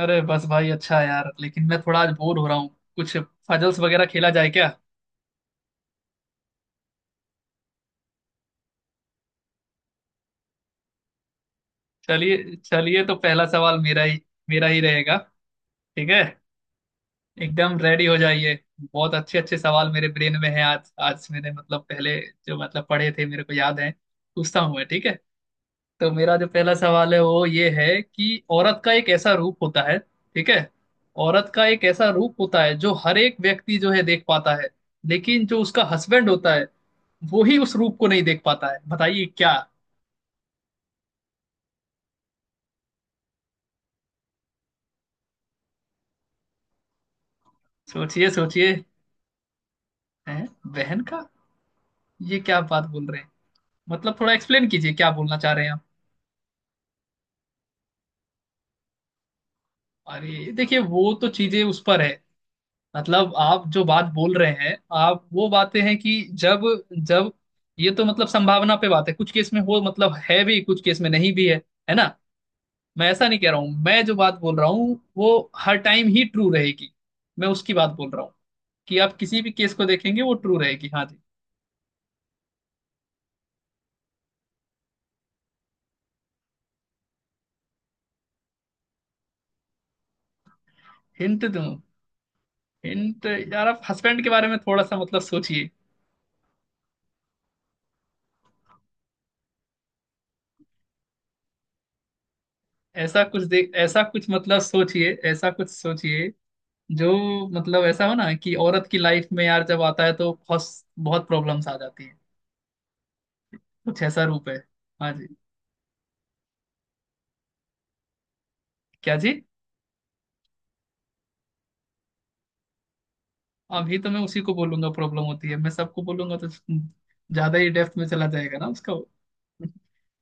अरे बस भाई, अच्छा है यार। लेकिन मैं थोड़ा आज बोर हो रहा हूँ। कुछ पजल्स वगैरह खेला जाए क्या? चलिए चलिए, तो पहला सवाल मेरा ही रहेगा, ठीक है? एकदम रेडी हो जाइए। बहुत अच्छे अच्छे सवाल मेरे ब्रेन में हैं। आज आज मैंने, मतलब, पहले जो, मतलब, पढ़े थे मेरे को याद है। पूछता हूँ मैं, ठीक है? तो मेरा जो पहला सवाल है वो ये है कि औरत का एक ऐसा रूप होता है, ठीक है। औरत का एक ऐसा रूप होता है जो हर एक व्यक्ति, जो है, देख पाता है। लेकिन जो उसका हस्बैंड होता है वो ही उस रूप को नहीं देख पाता है। बताइए क्या। सोचिए सोचिए। हैं? बहन का? ये क्या बात बोल रहे हैं। मतलब, थोड़ा एक्सप्लेन कीजिए क्या बोलना चाह रहे हैं आप। अरे देखिए, वो तो चीजें उस पर है। मतलब, आप जो बात बोल रहे हैं, आप वो बातें हैं कि जब जब ये तो, मतलब, संभावना पे बात है। कुछ केस में हो, मतलब, है भी, कुछ केस में नहीं भी है ना? मैं ऐसा नहीं कह रहा हूँ। मैं जो बात बोल रहा हूँ वो हर टाइम ही ट्रू रहेगी। मैं उसकी बात बोल रहा हूँ कि आप किसी भी केस को देखेंगे वो ट्रू रहेगी। हाँ जी। हिंट दूँ? हिंट? यार, आप हस्बैंड के बारे में थोड़ा सा, मतलब, सोचिए। ऐसा कुछ, मतलब, सोचिए, ऐसा कुछ सोचिए जो, मतलब, ऐसा हो ना कि औरत की लाइफ में यार जब आता है तो बहुत बहुत प्रॉब्लम्स आ जाती हैं। कुछ ऐसा रूप है। हाँ जी। क्या जी? अभी तो मैं उसी को बोलूंगा प्रॉब्लम होती है। मैं सबको बोलूंगा तो ज्यादा ही डेप्थ में चला जाएगा ना उसका।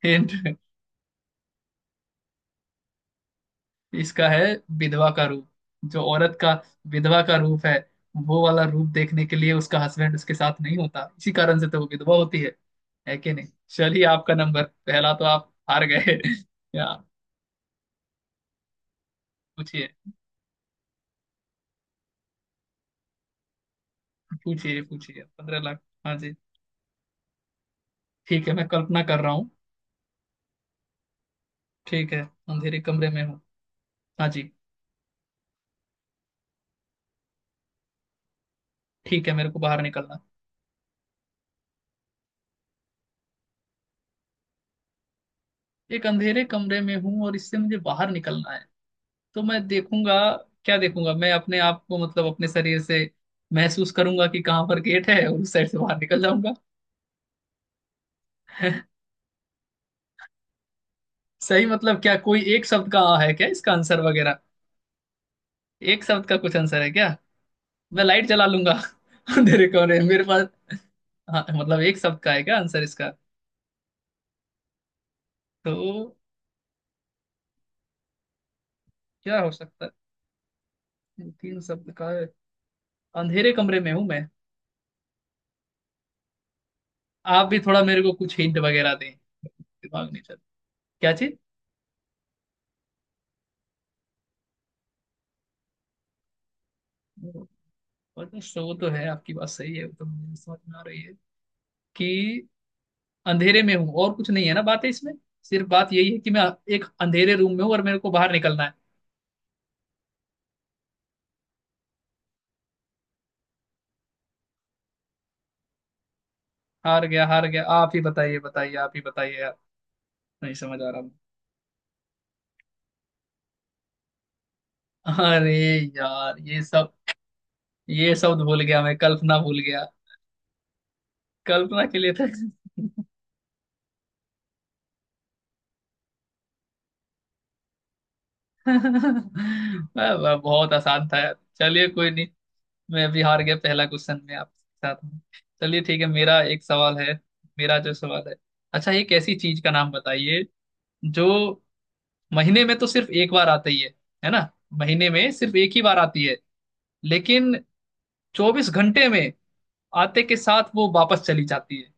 हिंट इसका है विधवा का रूप। जो औरत का विधवा का रूप है, वो वाला रूप देखने के लिए उसका हस्बैंड उसके साथ नहीं होता, इसी कारण से तो वो विधवा होती है। है कि नहीं? चलिए, आपका नंबर पहला तो आप हार गए या। पूछिए पूछिए पूछिए 15 लाख, हाँ जी। ठीक है, मैं कल्पना कर रहा हूँ। ठीक है, अंधेरे कमरे में हूँ। हाँ जी। ठीक है, मेरे को बाहर निकलना। एक अंधेरे कमरे में हूँ और इससे मुझे बाहर निकलना है, तो मैं देखूंगा। क्या देखूंगा? मैं अपने आप को, मतलब, अपने शरीर से महसूस करूंगा कि कहाँ पर गेट है, और उस साइड से बाहर निकल जाऊंगा। सही, मतलब, क्या कोई एक शब्द का आ है क्या इसका आंसर वगैरह? एक शब्द का कुछ आंसर है क्या? मैं लाइट जला लूंगा अंधेरे कमरे में मेरे पास। हाँ, मतलब, एक शब्द का है क्या आंसर इसका? तो क्या हो सकता है? तीन शब्द का है। अंधेरे कमरे में हूं मैं। आप भी थोड़ा मेरे को कुछ हिंट वगैरह दें। दिमाग नहीं चल। क्या चीज? वो वो तो शो तो है, आपकी बात सही है, वो तो मुझे समझ में आ रही है कि अंधेरे में हूँ और कुछ नहीं है ना बात है इसमें। सिर्फ बात यही है कि मैं एक अंधेरे रूम में हूँ और मेरे को बाहर निकलना है। हार गया, आप ही बताइए, बताइए, आप ही बताइए यार, नहीं समझ आ रहा। मैं, अरे यार, ये सब भूल गया। मैं कल्पना भूल गया। कल्पना के लिए था। वाह, वाह, बहुत आसान था यार। चलिए, कोई नहीं। मैं भी हार गया पहला क्वेश्चन में आपके साथ में। चलिए ठीक है, मेरा एक सवाल है। मेरा जो सवाल है, अच्छा, एक ऐसी चीज का नाम बताइए जो महीने में तो सिर्फ एक बार आती है ना? महीने में सिर्फ एक ही बार आती है लेकिन 24 घंटे में आते के साथ वो वापस चली जाती है।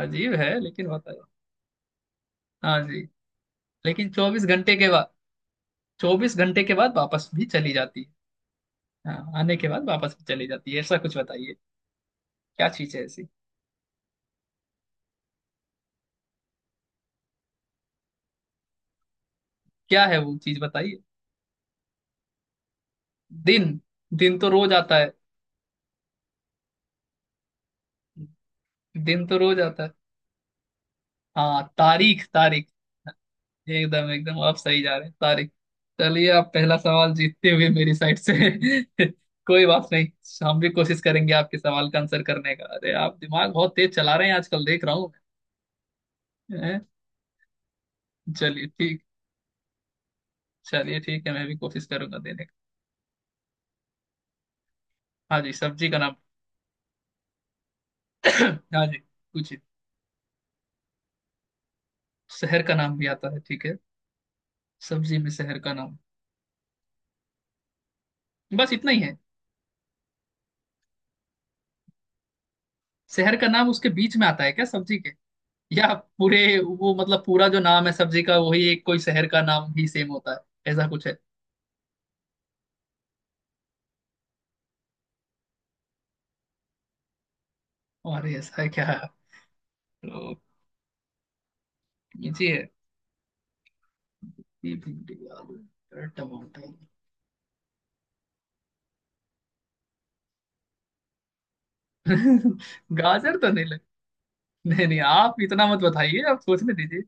अजीब है लेकिन होता है। हाँ जी। लेकिन 24 घंटे के बाद, 24 घंटे के बाद वापस भी चली जाती है। हाँ, आने के बाद वापस भी चली जाती है। ऐसा कुछ बताइए क्या चीज है ऐसी। क्या है वो चीज, बताइए। दिन दिन तो रोज आता है। दिन तो रोज आता है। हाँ, तारीख तारीख। एकदम एकदम आप सही जा रहे हैं, तारिक। चलिए, आप पहला सवाल जीतते हुए मेरी साइड से। कोई बात नहीं, हम भी कोशिश करेंगे आपके सवाल का आंसर करने का। अरे, आप दिमाग बहुत तेज चला रहे हैं आजकल, देख रहा हूँ मैं। हैं? चलिए ठीक चलिए ठीक है, मैं भी कोशिश करूंगा देने का। हाँ जी, सब्जी का नाम। हाँ जी पूछिए। शहर का नाम भी आता है, ठीक है। सब्जी में शहर का नाम। बस इतना ही है? शहर का नाम उसके बीच में आता है क्या सब्जी के, या पूरे वो, मतलब, पूरा जो नाम है सब्जी का वही एक कोई शहर का नाम ही सेम होता है, ऐसा कुछ है? और ऐसा क्या है? तो कीजिए। भी, भिंडी, आलू और टमाटर। गाजर तो नहीं लग। नहीं नहीं, आप इतना मत बताइए, आप सोचने दीजिए।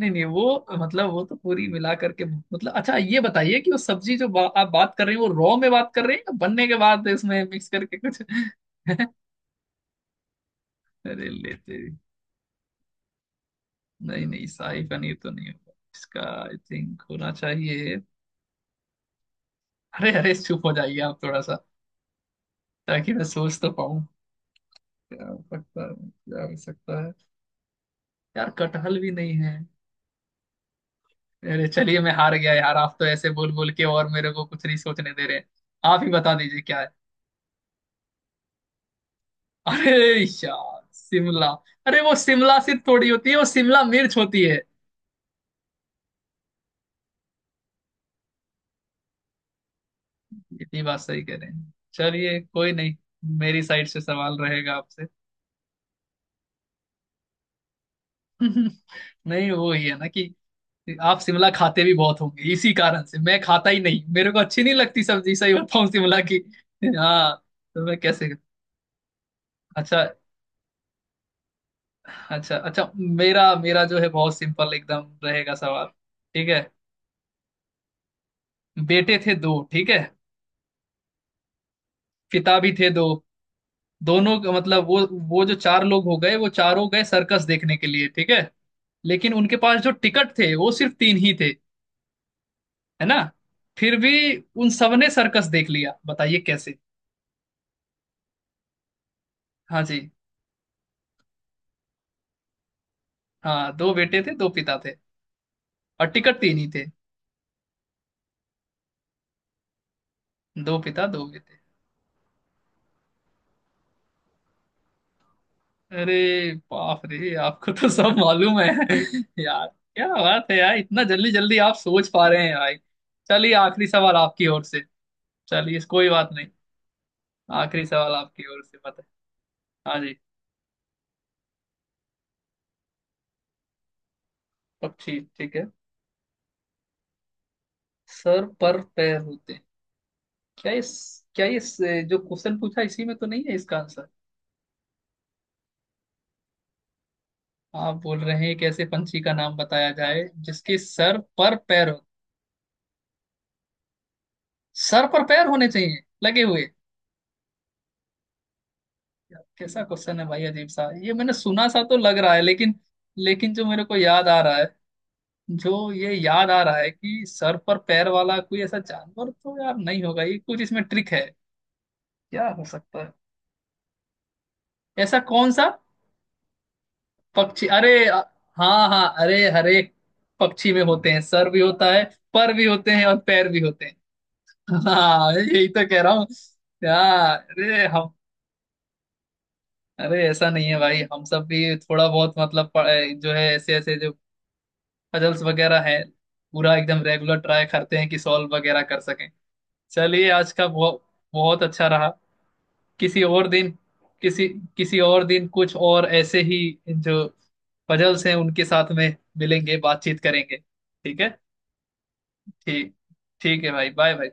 नहीं नहीं, वो, मतलब, वो तो पूरी मिला करके, मतलब, अच्छा, ये बताइए कि वो सब्जी जो आप बात कर रहे हैं, वो रॉ में बात कर रहे हैं या बनने के बाद इसमें मिक्स करके कुछ। अरे लेते। नहीं नहीं, शाही पनीर तो नहीं होगा इसका, आई थिंक होना चाहिए। अरे अरे, चुप हो जाइए आप थोड़ा सा, ताकि मैं सोच तो पाऊँ क्या हो सकता है, क्या हो सकता है। यार कटहल भी नहीं है। अरे चलिए, मैं हार गया यार, आप तो ऐसे बोल बोल के और मेरे को कुछ नहीं सोचने दे रहे। आप ही बता दीजिए क्या है। अरे यार शिमला। अरे, वो शिमला सिर्फ थोड़ी होती है, वो शिमला मिर्च होती है। इतनी बात सही कह रहे हैं, चलिए कोई नहीं। मेरी साइड से सवाल रहेगा आपसे। नहीं, वो ही है ना कि आप शिमला खाते भी बहुत होंगे इसी कारण से। मैं खाता ही नहीं, मेरे को अच्छी नहीं लगती सब्जी, सही बताऊं, शिमला की। हाँ, तो मैं कैसे। अच्छा अच्छा अच्छा, मेरा मेरा जो है बहुत सिंपल एकदम रहेगा सवाल, ठीक है। बेटे थे दो, ठीक है। पिता भी थे दो। दोनों का मतलब वो जो चार लोग हो गए, वो चारों गए सर्कस देखने के लिए, ठीक है। लेकिन उनके पास जो टिकट थे वो सिर्फ तीन ही थे, है ना? फिर भी उन सबने सर्कस देख लिया, बताइए कैसे। हाँ जी। हाँ, दो बेटे थे, दो पिता थे और टिकट तीन ही थे। दो पिता, दो बेटे। अरे बाप रे, आपको तो सब मालूम है। यार क्या बात है यार, इतना जल्दी जल्दी आप सोच पा रहे हैं भाई। चलिए, आखिरी सवाल आपकी ओर से। चलिए कोई बात नहीं, आखिरी सवाल आपकी ओर से बताए। हाँ जी। पक्षी, ठीक है, सर पर पैर होते हैं। क्या इस क्या इस जो क्वेश्चन पूछा, इसी में तो नहीं है इसका आंसर? आप बोल रहे हैं एक ऐसे पंछी का नाम बताया जाए जिसके सर पर पैर हो, सर पर पैर होने चाहिए लगे हुए। कैसा क्वेश्चन है भाई, अजीब सा। ये मैंने सुना सा तो लग रहा है लेकिन, लेकिन जो मेरे को याद आ रहा है, जो ये याद आ रहा है कि सर पर पैर वाला कोई ऐसा जानवर तो यार नहीं होगा, ये कुछ इसमें ट्रिक है। क्या हो सकता है? ऐसा कौन सा पक्षी, हाँ हाँ, अरे, हर एक पक्षी में होते हैं, सर भी होता है, पर भी होते हैं और पैर भी होते हैं। हाँ, यही तो कह रहा हूँ यार। अरे हम, अरे ऐसा नहीं है भाई, हम सब भी थोड़ा बहुत, मतलब, जो है, ऐसे ऐसे जो पजल्स वगैरह है, पूरा एकदम रेगुलर ट्राई करते हैं कि सॉल्व वगैरह कर सकें। चलिए, आज का बहुत बहुत अच्छा रहा। किसी और दिन, किसी किसी और दिन कुछ और ऐसे ही जो पजल्स हैं उनके साथ में मिलेंगे, बातचीत करेंगे, ठीक है? ठीक ठीक है भाई, बाय भाई।